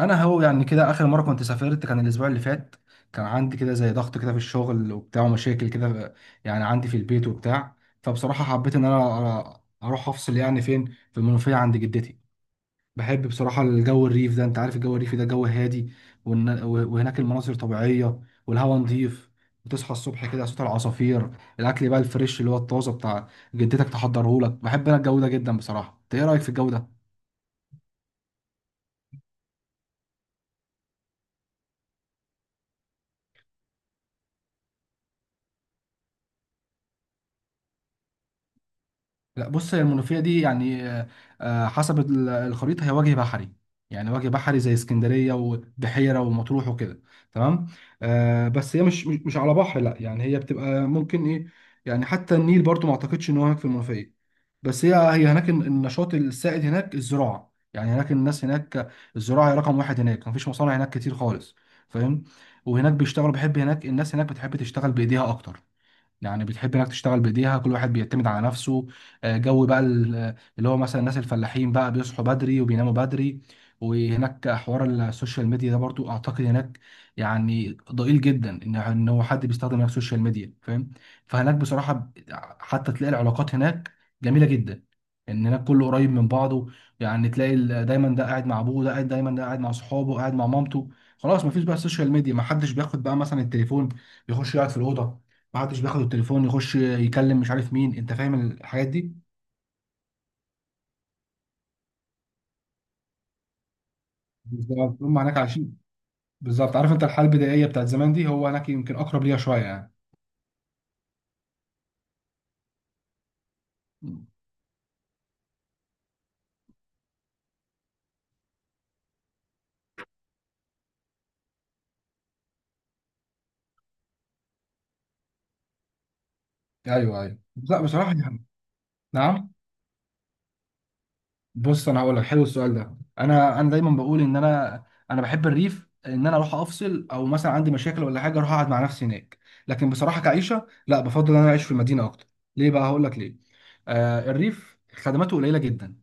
انا هو يعني كده اخر مره كنت سافرت كان الاسبوع اللي فات. كان عندي كده زي ضغط كده في الشغل وبتاع ومشاكل كده، يعني عندي في البيت وبتاع. فبصراحه حبيت ان انا اروح افصل، يعني فين؟ في المنوفيه عند جدتي. بحب بصراحه الجو الريف ده، انت عارف الجو الريفي ده جو هادي، وهناك المناظر طبيعيه، والهواء نظيف، وتصحى الصبح كده صوت العصافير. الاكل بقى الفريش اللي هو الطازه بتاع جدتك تحضره لك. بحب انا الجو ده جدا بصراحه. انت ايه رايك في الجو ده؟ لا بص، هي المنوفية دي يعني حسب الخريطة هي وجه بحري، يعني وجه بحري زي اسكندرية وبحيرة ومطروح وكده، تمام. بس هي مش على بحر، لا يعني هي بتبقى ممكن ايه. يعني حتى النيل برضو ما اعتقدش ان هو هناك في المنوفية. بس هي هناك النشاط السائد هناك الزراعة، يعني هناك الناس هناك الزراعة هي رقم واحد، هناك مفيش مصانع هناك كتير خالص، فاهم. وهناك بيشتغلوا، بحب هناك الناس هناك بتحب تشتغل بإيديها أكتر، يعني بتحب انك تشتغل بايديها، كل واحد بيعتمد على نفسه. جو بقى اللي هو مثلا الناس الفلاحين بقى بيصحوا بدري وبيناموا بدري. وهناك حوار السوشيال ميديا ده برضو اعتقد هناك يعني ضئيل جدا، ان هو حد بيستخدم هناك السوشيال ميديا، فاهم. فهناك بصراحة حتى تلاقي العلاقات هناك جميلة جدا، ان هناك كله قريب من بعضه. يعني تلاقي دايما ده قاعد مع ابوه، ده قاعد دايما، ده قاعد مع صحابه، قاعد مع مامته، خلاص مفيش بقى السوشيال ميديا. محدش بياخد بقى مثلا التليفون يخش يقعد في الأوضة، ما عادش بياخد التليفون يخش يكلم مش عارف مين، انت فاهم الحاجات دي. بالظبط هم هناك عايشين. بالظبط، عارف انت الحاله البدائيه بتاعت زمان دي، هو هناك يمكن اقرب ليها شويه يعني. ايوه، ايوه، لا بصراحه يعني. نعم. بص انا هقول لك، حلو السؤال ده. انا انا دايما بقول ان انا انا بحب الريف، ان انا اروح افصل، او مثلا عندي مشاكل ولا حاجه اروح اقعد مع نفسي هناك. لكن بصراحه كعيشه لا، بفضل ان انا اعيش في المدينه اكتر. ليه بقى؟ هقول لك ليه. الريف خدماته قليله جدا،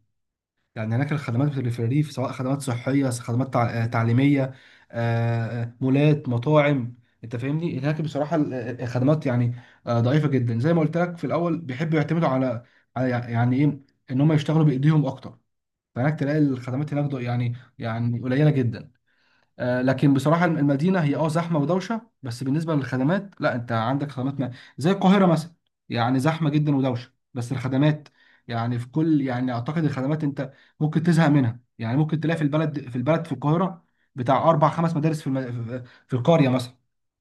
يعني هناك الخدمات بتبقى في الريف، سواء خدمات صحية، خدمات تعليمية، مولات، مطاعم. انت فاهمني. هناك بصراحة الخدمات يعني ضعيفة جدا. زي ما قلت لك في الأول، بيحبوا يعتمدوا على، يعني ايه، ان هم يشتغلوا بإيديهم اكتر. فهناك تلاقي الخدمات هناك يعني قليلة جدا. لكن بصراحة المدينة هي زحمة ودوشة، بس بالنسبة للخدمات لا، انت عندك خدمات ما. زي القاهرة مثلا، يعني زحمة جدا ودوشة، بس الخدمات يعني في كل، يعني اعتقد الخدمات انت ممكن تزهق منها. يعني ممكن تلاقي في البلد في القاهرة بتاع اربع خمس مدارس. في القرية مثلا،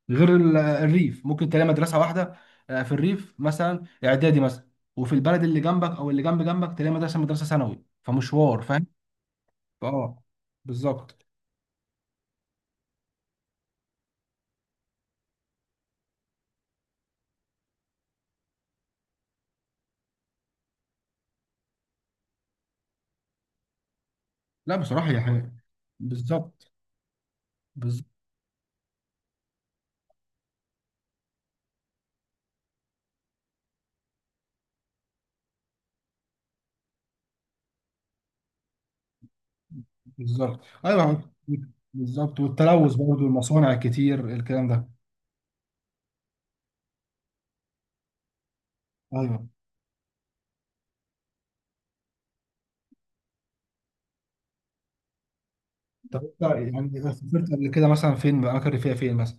غير الريف ممكن تلاقي مدرسة واحدة. في الريف مثلا اعدادي مثلا، وفي البلد اللي جنبك او اللي جنب جنبك تلاقي مدرسة، مدرسة ثانوي، فمشوار، فاهم؟ اه، بالظبط. لا بصراحة هي حاجة. بالظبط. بز- بالظبط. ايوه. بالظبط، والتلوث برضه، المصانع الكتير، الكلام ده. ايوه. طب انت يعني سافرت قبل كده مثلا فين؟ اماكن ريفيه فين مثلا؟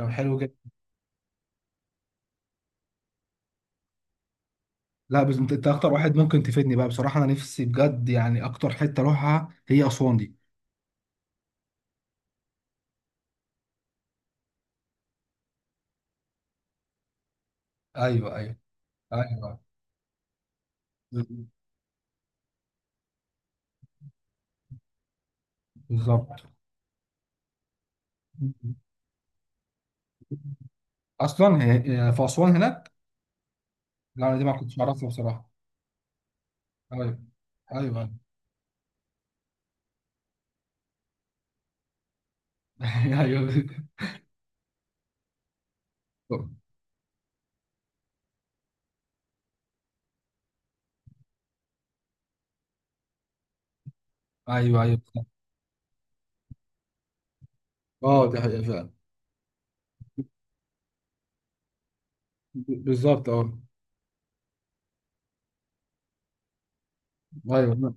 لو، حلو جدا. لا بس أنت اكتر واحد ممكن تفيدني بقى، بصراحة انا نفسي بجد يعني، اكتر حتة اروحها هي اسوان دي. ايوه، ايوه. ايوه. بالظبط. اصلا هي في اسوان هناك. لا انا دي ما كنتش اعرفها بصراحة. ايوه. ايوه ايوه، ايوه. اه، دي حقيقة فعلا. بالظبط، اه. ايوه.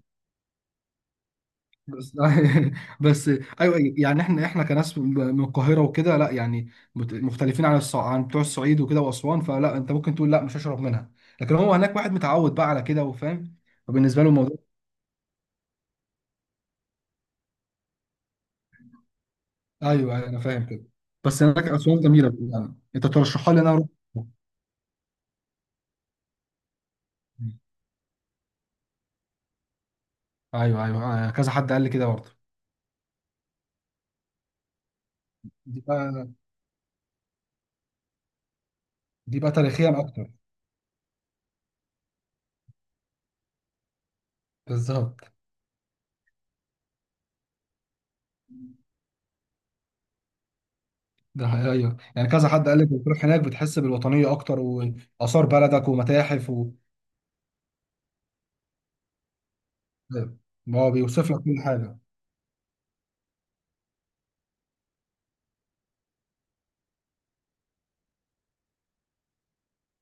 بس بس. ايوه، يعني احنا كناس من القاهره وكده لا، يعني مختلفين عن عن بتوع الصعيد وكده واسوان، فلا، انت ممكن تقول لا مش هشرب منها. لكن هو هناك واحد متعود بقى على كده وفاهم، فبالنسبه له الموضوع. ايوه، أيوة، انا فاهم كده. بس هناك اسوان جميله، يعني انت ترشحها لي إن انا اروح. ايوه، ايوه، كذا حد قال لي كده برضه. دي بقى دي بقى تاريخيا اكتر. بالظبط. ده حقيقي، ايوه، يعني كذا حد قال لك بتروح هناك بتحس بالوطنيه اكتر، واثار بلدك ومتاحف و... هو بيوصف لك كل حاجه.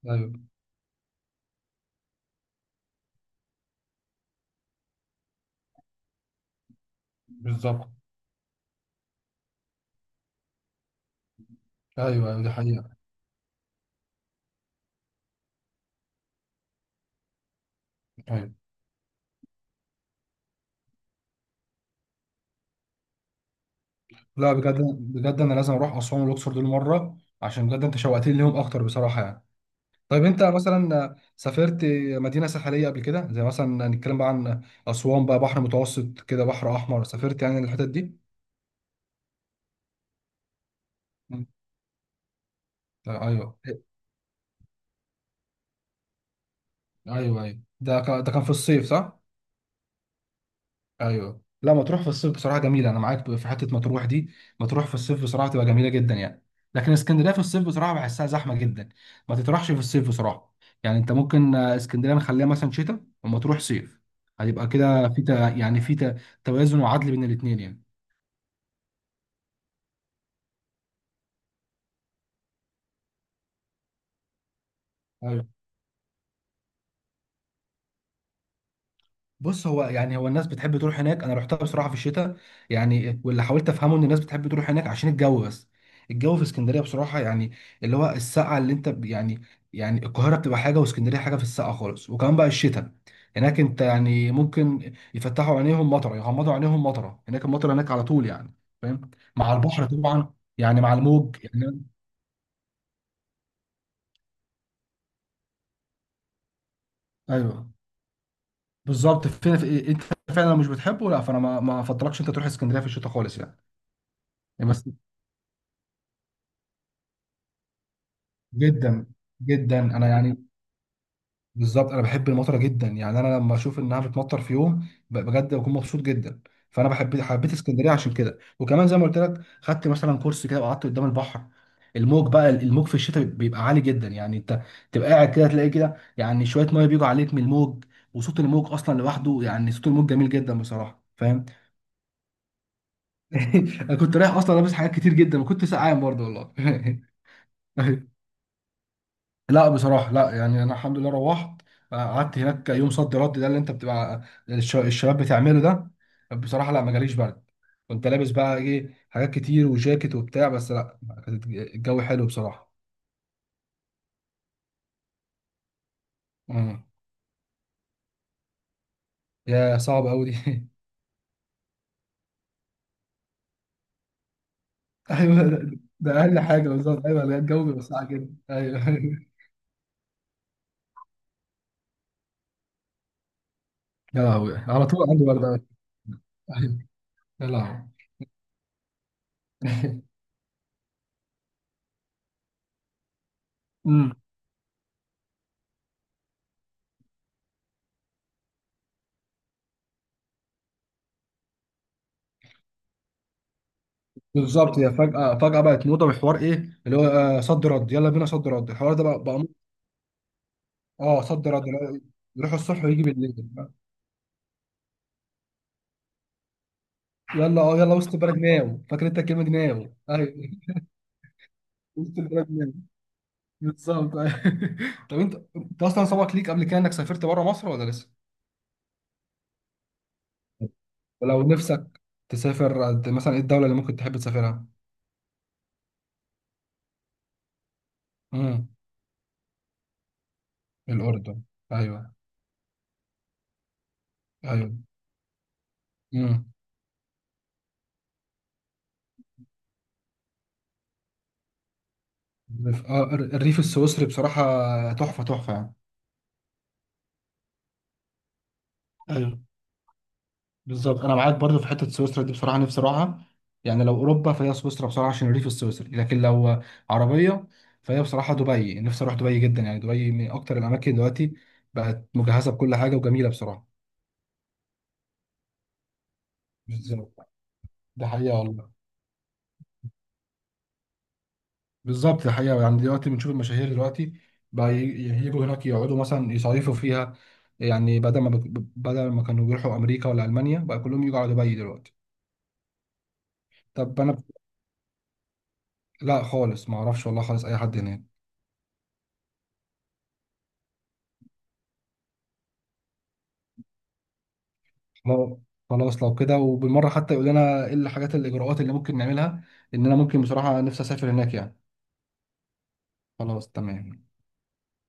ايوه. بالظبط. ايوه، ايوه، دي حقيقه. ايوه. لا بجد، بجد انا لازم اروح اسوان والاقصر دول مره، عشان بجد انت شوقتني ليهم اكتر بصراحه يعني. طيب انت مثلا سافرت مدينه ساحليه قبل كده؟ زي مثلا نتكلم بقى عن اسوان بقى، بحر متوسط كده، بحر احمر، سافرت يعني الحتت دي؟ مم. ايوه. ايوه، ايوه، ده كان في الصيف، صح؟ ايوه، لا مطروح في الصيف بصراحه جميله، انا معاك في حته مطروح دي. مطروح في الصيف بصراحه تبقى جميله جدا يعني. لكن اسكندريه في الصيف بصراحه بحسها زحمه جدا. ما تطرحش في الصيف بصراحه. يعني انت ممكن اسكندريه نخليها مثلا شتاء ومطروح صيف، هيبقى كده في توازن وعدل بين الاثنين. يعني بص، يعني هو الناس بتحب تروح هناك. انا رحتها بصراحه في الشتاء، يعني واللي حاولت افهمه ان الناس بتحب تروح هناك عشان الجو بس. الجو في اسكندريه بصراحه يعني اللي هو السقعه اللي انت يعني، يعني القاهره بتبقى حاجه واسكندريه حاجه في السقعه خالص. وكمان بقى الشتاء هناك، انت يعني ممكن يفتحوا عينيهم مطره، يغمضوا عينيهم مطره، هناك المطره هناك على طول يعني، فاهم، مع البحر طبعا، يعني مع الموج يعني. ايوه بالظبط، فين في انت فعلا مش بتحبه لا، فانا ما افضلكش انت تروح اسكندريه في الشتاء خالص يعني. بس جدا. جدا انا يعني. بالظبط. انا بحب المطره جدا يعني، انا لما اشوف انها بتمطر في يوم بجد بكون مبسوط جدا. فانا بحب، حبيت اسكندريه عشان كده. وكمان زي ما قلت لك خدت مثلا كورس كده وقعدت قدام البحر. الموج بقى في الشتاء بيبقى عالي جدا يعني، انت تبقى قاعد كده تلاقي كده يعني شويه ميه بيجوا عليك من الموج. وصوت الموج اصلا لوحده يعني، صوت الموج جميل جدا بصراحه، فاهم. انا كنت رايح اصلا لابس حاجات كتير جدا وكنت سقعان برضه والله. لا بصراحة لا يعني، أنا الحمد لله روحت، قعدت هناك يوم صد رد، ده اللي أنت بتبقى الشباب بتعمله ده. بصراحة لا، ما جاليش برد. كنت لابس بقى إيه حاجات كتير وجاكيت وبتاع، بس لا، كانت الجو حلو بصراحة. مم. يا صعب أوي دي أيوه ده أقل حاجة، بالظبط. أيوه لا، الجو بيبقى ساقع جدا، أيوه يا لهوي، على طول عندي برد أوي. أيوه. يا لهوي. امم. بالظبط، هي فجأة فجأة بقت موضة، بحوار إيه اللي هو صد رد، يلا بينا صد رد، الحوار ده بقى. اه صد رد، لا، يروح الصبح ويجي بالليل. يلا، يلا وسط البلد نام، فاكر انت الكلمه دي نام؟ ايوه وسط البلد نام. بالظبط، أيوة. طب انت اصلا سبق ليك قبل كده انك سافرت بره مصر ولا لسه؟ ولو نفسك تسافر مثلا ايه الدوله اللي ممكن تحب تسافرها؟ امم. الاردن. ايوه، ايوه. امم. الريف، الريف السويسري بصراحه تحفه، تحفه يعني. ايوه بالظبط، انا معاك برضو في حته سويسرا دي، بصراحه نفسي اروحها. يعني لو اوروبا فهي سويسرا بصراحه عشان الريف السويسري. لكن لو عربيه فهي بصراحه دبي، نفسي اروح دبي جدا يعني. دبي من اكتر الاماكن دلوقتي بقت مجهزه بكل حاجه وجميله بصراحه. بالظبط، ده حقيقه والله. بالظبط، ده حقيقه، يعني دلوقتي بنشوف المشاهير دلوقتي بقى يجوا هناك يقعدوا مثلا يصيفوا فيها. يعني بدل ما كانوا بيروحوا امريكا ولا المانيا بقى كلهم يجوا على دبي دلوقتي. طب انا، لا خالص ما اعرفش والله خالص اي حد هناك. لو، خلاص لو كده وبالمرة حتى يقول لنا ايه الحاجات، الإجراءات اللي ممكن نعملها، إن أنا ممكن بصراحة نفسي أسافر هناك يعني. خلاص، تمام.